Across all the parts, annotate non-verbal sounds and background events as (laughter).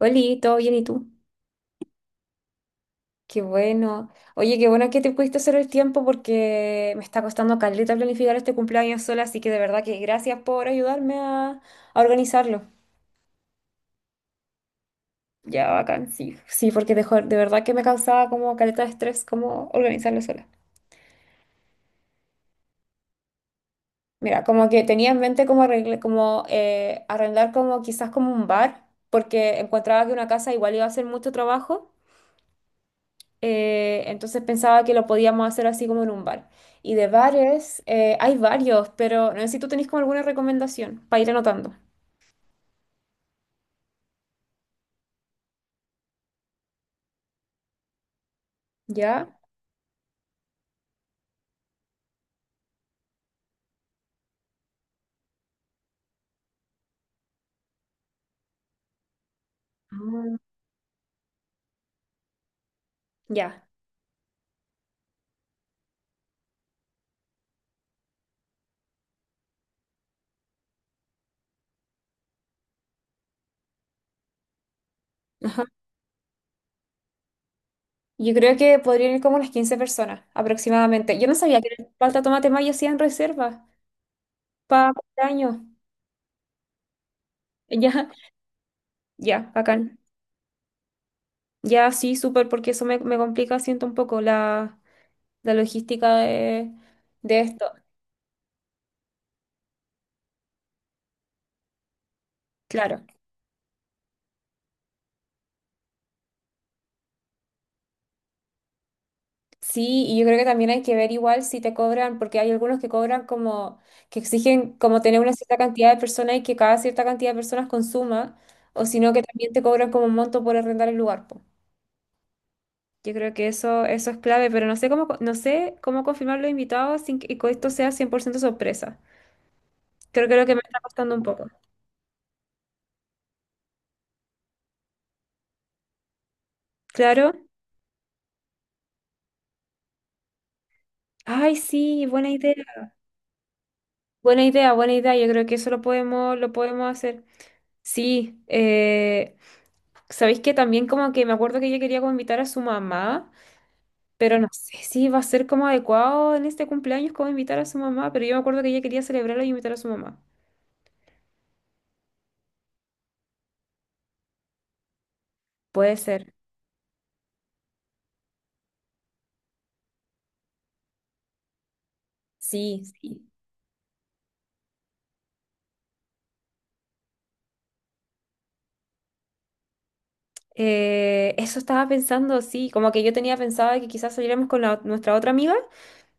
Oli, ¿todo bien y tú? Qué bueno. Oye, qué bueno que te pudiste hacer el tiempo porque me está costando caleta planificar este cumpleaños sola, así que de verdad que gracias por ayudarme a organizarlo. Ya, bacán, sí. Sí, porque de verdad que me causaba como caleta de estrés como organizarlo sola. Mira, como que tenía en mente como, como arrendar como quizás como un bar, porque encontraba que una casa igual iba a ser mucho trabajo. Entonces pensaba que lo podíamos hacer así como en un bar. Y de bares, hay varios, pero no sé si tú tenés como alguna recomendación para ir anotando. ¿Ya? Ah. Ya. Ajá. Yo creo que podrían ir como unas 15 personas aproximadamente. Yo no sabía que en el Palta Tomate Mayo hacían reservas para años. (laughs) Ya, ya, bacán. Ya, sí, súper, porque eso me complica, siento un poco la logística de esto. Claro. Sí, y yo creo que también hay que ver igual si te cobran, porque hay algunos que cobran como, que exigen como tener una cierta cantidad de personas y que cada cierta cantidad de personas consuma, o si no que también te cobran como un monto por arrendar el lugar, po. Yo creo que eso es clave, pero no sé cómo, no sé cómo confirmar los invitados sin que que esto sea 100% sorpresa. Creo que es lo que me está costando un poco. Claro. Ay, sí, buena idea. Buena idea, buena idea. Yo creo que eso lo podemos hacer. Sí, sabéis que también como que me acuerdo que ella quería como invitar a su mamá, pero no sé si va a ser como adecuado en este cumpleaños como invitar a su mamá, pero yo me acuerdo que ella quería celebrarlo y invitar a su mamá. Puede ser. Sí, sí. Eso estaba pensando, sí, como que yo tenía pensado de que quizás saliéramos con nuestra otra amiga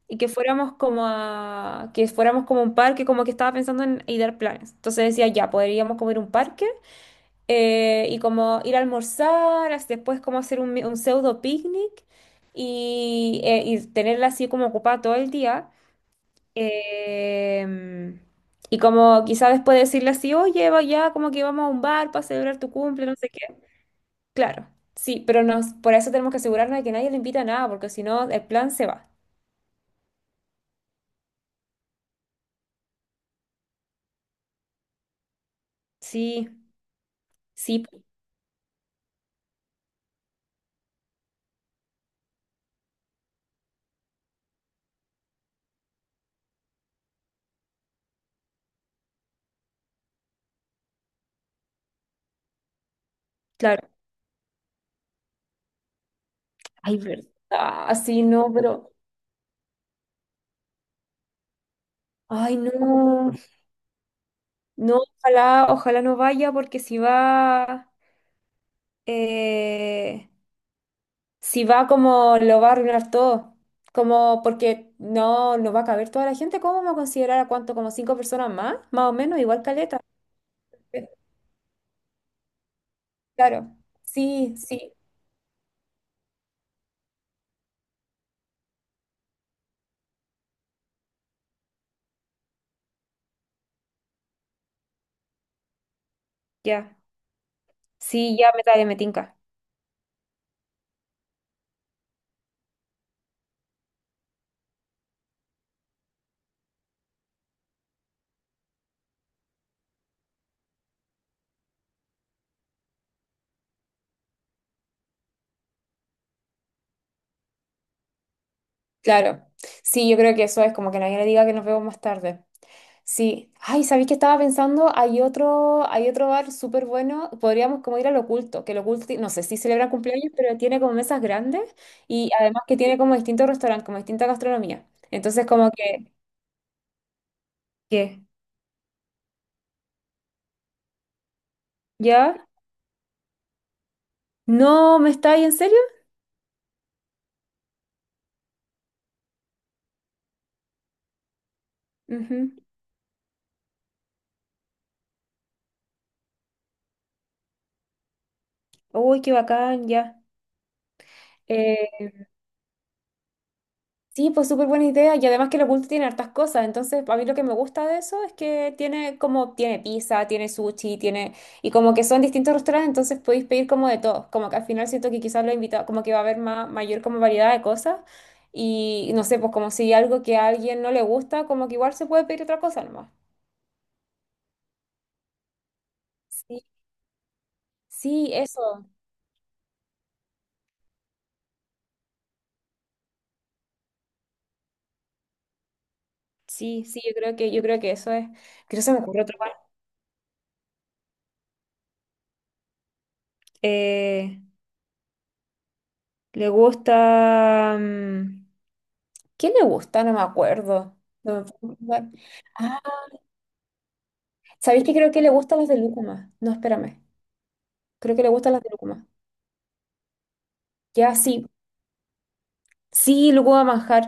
y que fuéramos como a, que fuéramos como a un parque, como que estaba pensando en, y dar planes. Entonces decía, ya, podríamos comer un parque. Y como ir a almorzar, después como hacer un, un pseudo picnic y tenerla así como ocupada todo el día. Em, y como quizá después decirle así, oye, va ya, como que vamos a un bar para celebrar tu cumple, no sé qué. Claro, sí, pero por eso tenemos que asegurarnos de que nadie le invita a nada, porque si no, el plan se va. Sí, sí, claro. Ay, verdad, sí, no, pero... Ay, no, no, ojalá, ojalá no vaya, porque si va... eh, si va como lo va a arruinar todo, como porque no va a caber toda la gente, ¿cómo vamos a considerar a cuánto? Como 5 personas más, más o menos, igual caleta. Eh, Claro, sí, sí, ya, sí, ya me, dale, me tinca. Claro, sí, yo creo que eso es como que nadie le diga que nos vemos más tarde. Sí. Ay, ¿sabéis que estaba pensando? Hay otro bar súper bueno. Podríamos como ir al Oculto, que el Oculto, no sé si celebra cumpleaños, pero tiene como mesas grandes y además que tiene como distintos restaurantes, como distinta gastronomía. Entonces como que, ¿qué? ¿Ya? No, ¿me estáis en serio? Ujú. Uy, qué bacán, ya. Eh, Sí, pues súper buena idea y además que lo oculto tiene hartas cosas, entonces a mí lo que me gusta de eso es que tiene como, tiene pizza, tiene sushi, tiene, y como que son distintos restaurantes, entonces podéis pedir como de todo, como que al final siento que quizás lo invitado, como que va a haber mayor como variedad de cosas y no sé, pues como si algo que a alguien no le gusta, como que igual se puede pedir otra cosa nomás. Sí, sí, eso, sí, sí, yo creo que eso es, creo que no se me ocurre otro más. Eh, Le gusta... ¿Qué le gusta? No me acuerdo. No me puedo acordar. Ah, ¿sabéis que creo que le gustan las de lúcuma? No, espérame. Creo que le gustan las de lúcuma. Ya, sí. Sí, lúcuma manjar.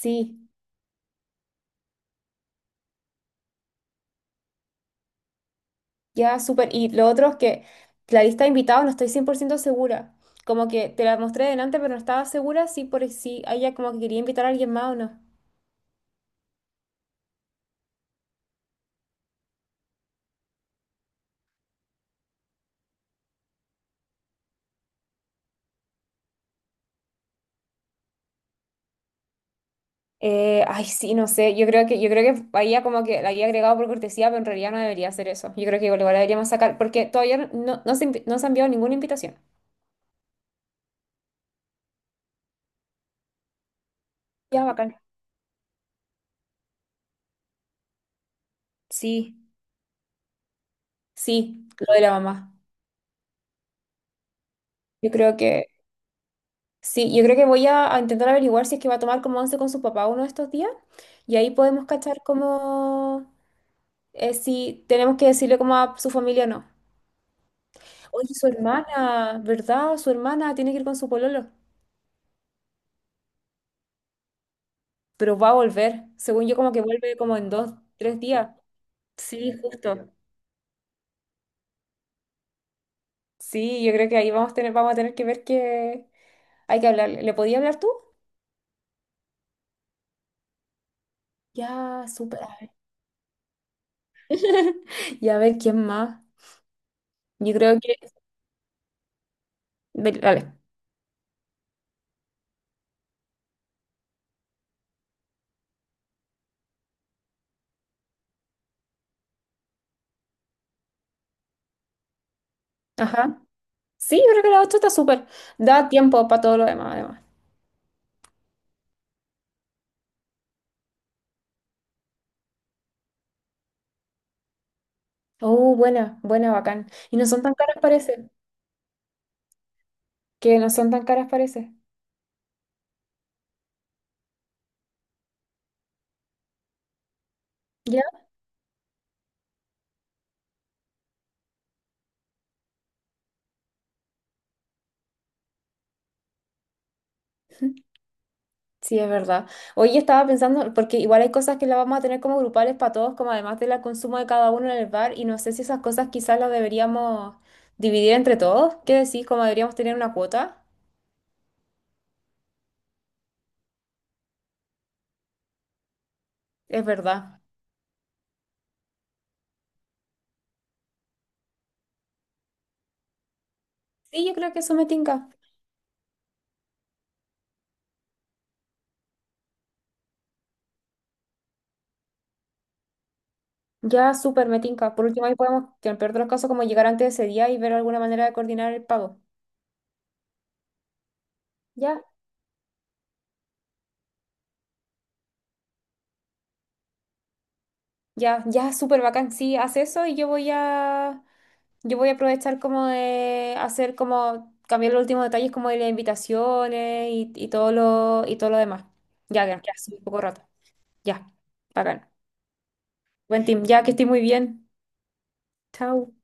Sí, ya, súper. Y lo otro es que la lista de invitados no estoy 100% segura. Como que te la mostré delante, pero no estaba segura si por si ella como que quería invitar a alguien más o no. Ay, sí, no sé. Yo creo que había como que la había agregado por cortesía, pero en realidad no debería hacer eso. Yo creo que igual igual la deberíamos sacar, porque todavía no no se ha enviado ninguna invitación. Ya, bacán. Sí, sí, lo de la mamá. Yo creo que, sí, yo creo que voy a intentar averiguar si es que va a tomar como once con su papá uno de estos días y ahí podemos cachar como si tenemos que decirle como a su familia o no. Oye, su hermana, ¿verdad? Su hermana tiene que ir con su pololo, pero va a volver. Según yo, como que vuelve como en dos, tres días. Sí, justo. Sí, yo creo que ahí vamos a tener que ver que hay que hablar. ¿Le podía hablar tú? Ya, súper. (laughs) Y a ver quién más. Yo creo que... Dale. Ajá. Sí, yo creo que la 8 está súper. Da tiempo para todo lo demás, además. Oh, buena, buena, bacán. Y no son tan caras, parece. Que no son tan caras, parece. ¿Ya? (laughs) Sí, es verdad. Hoy estaba pensando, porque igual hay cosas que las vamos a tener como grupales para todos, como además del consumo de cada uno en el bar, y no sé si esas cosas quizás las deberíamos dividir entre todos. ¿Qué decís? ¿Cómo deberíamos tener una cuota? Es verdad. Sí, yo creo que eso me tinca. Ya, súper, me tinca. Por último, ahí podemos, que en el peor de los casos, como llegar antes de ese día y ver alguna manera de coordinar el pago. Ya, ya, ya, súper bacán. Sí, haz eso y yo voy a aprovechar como de hacer como, cambiar los últimos detalles como de las invitaciones y todo lo demás. Ya, ya, ya, sí, un poco rato. Ya, bacán. Buen team, ya que estoy muy bien. Chao.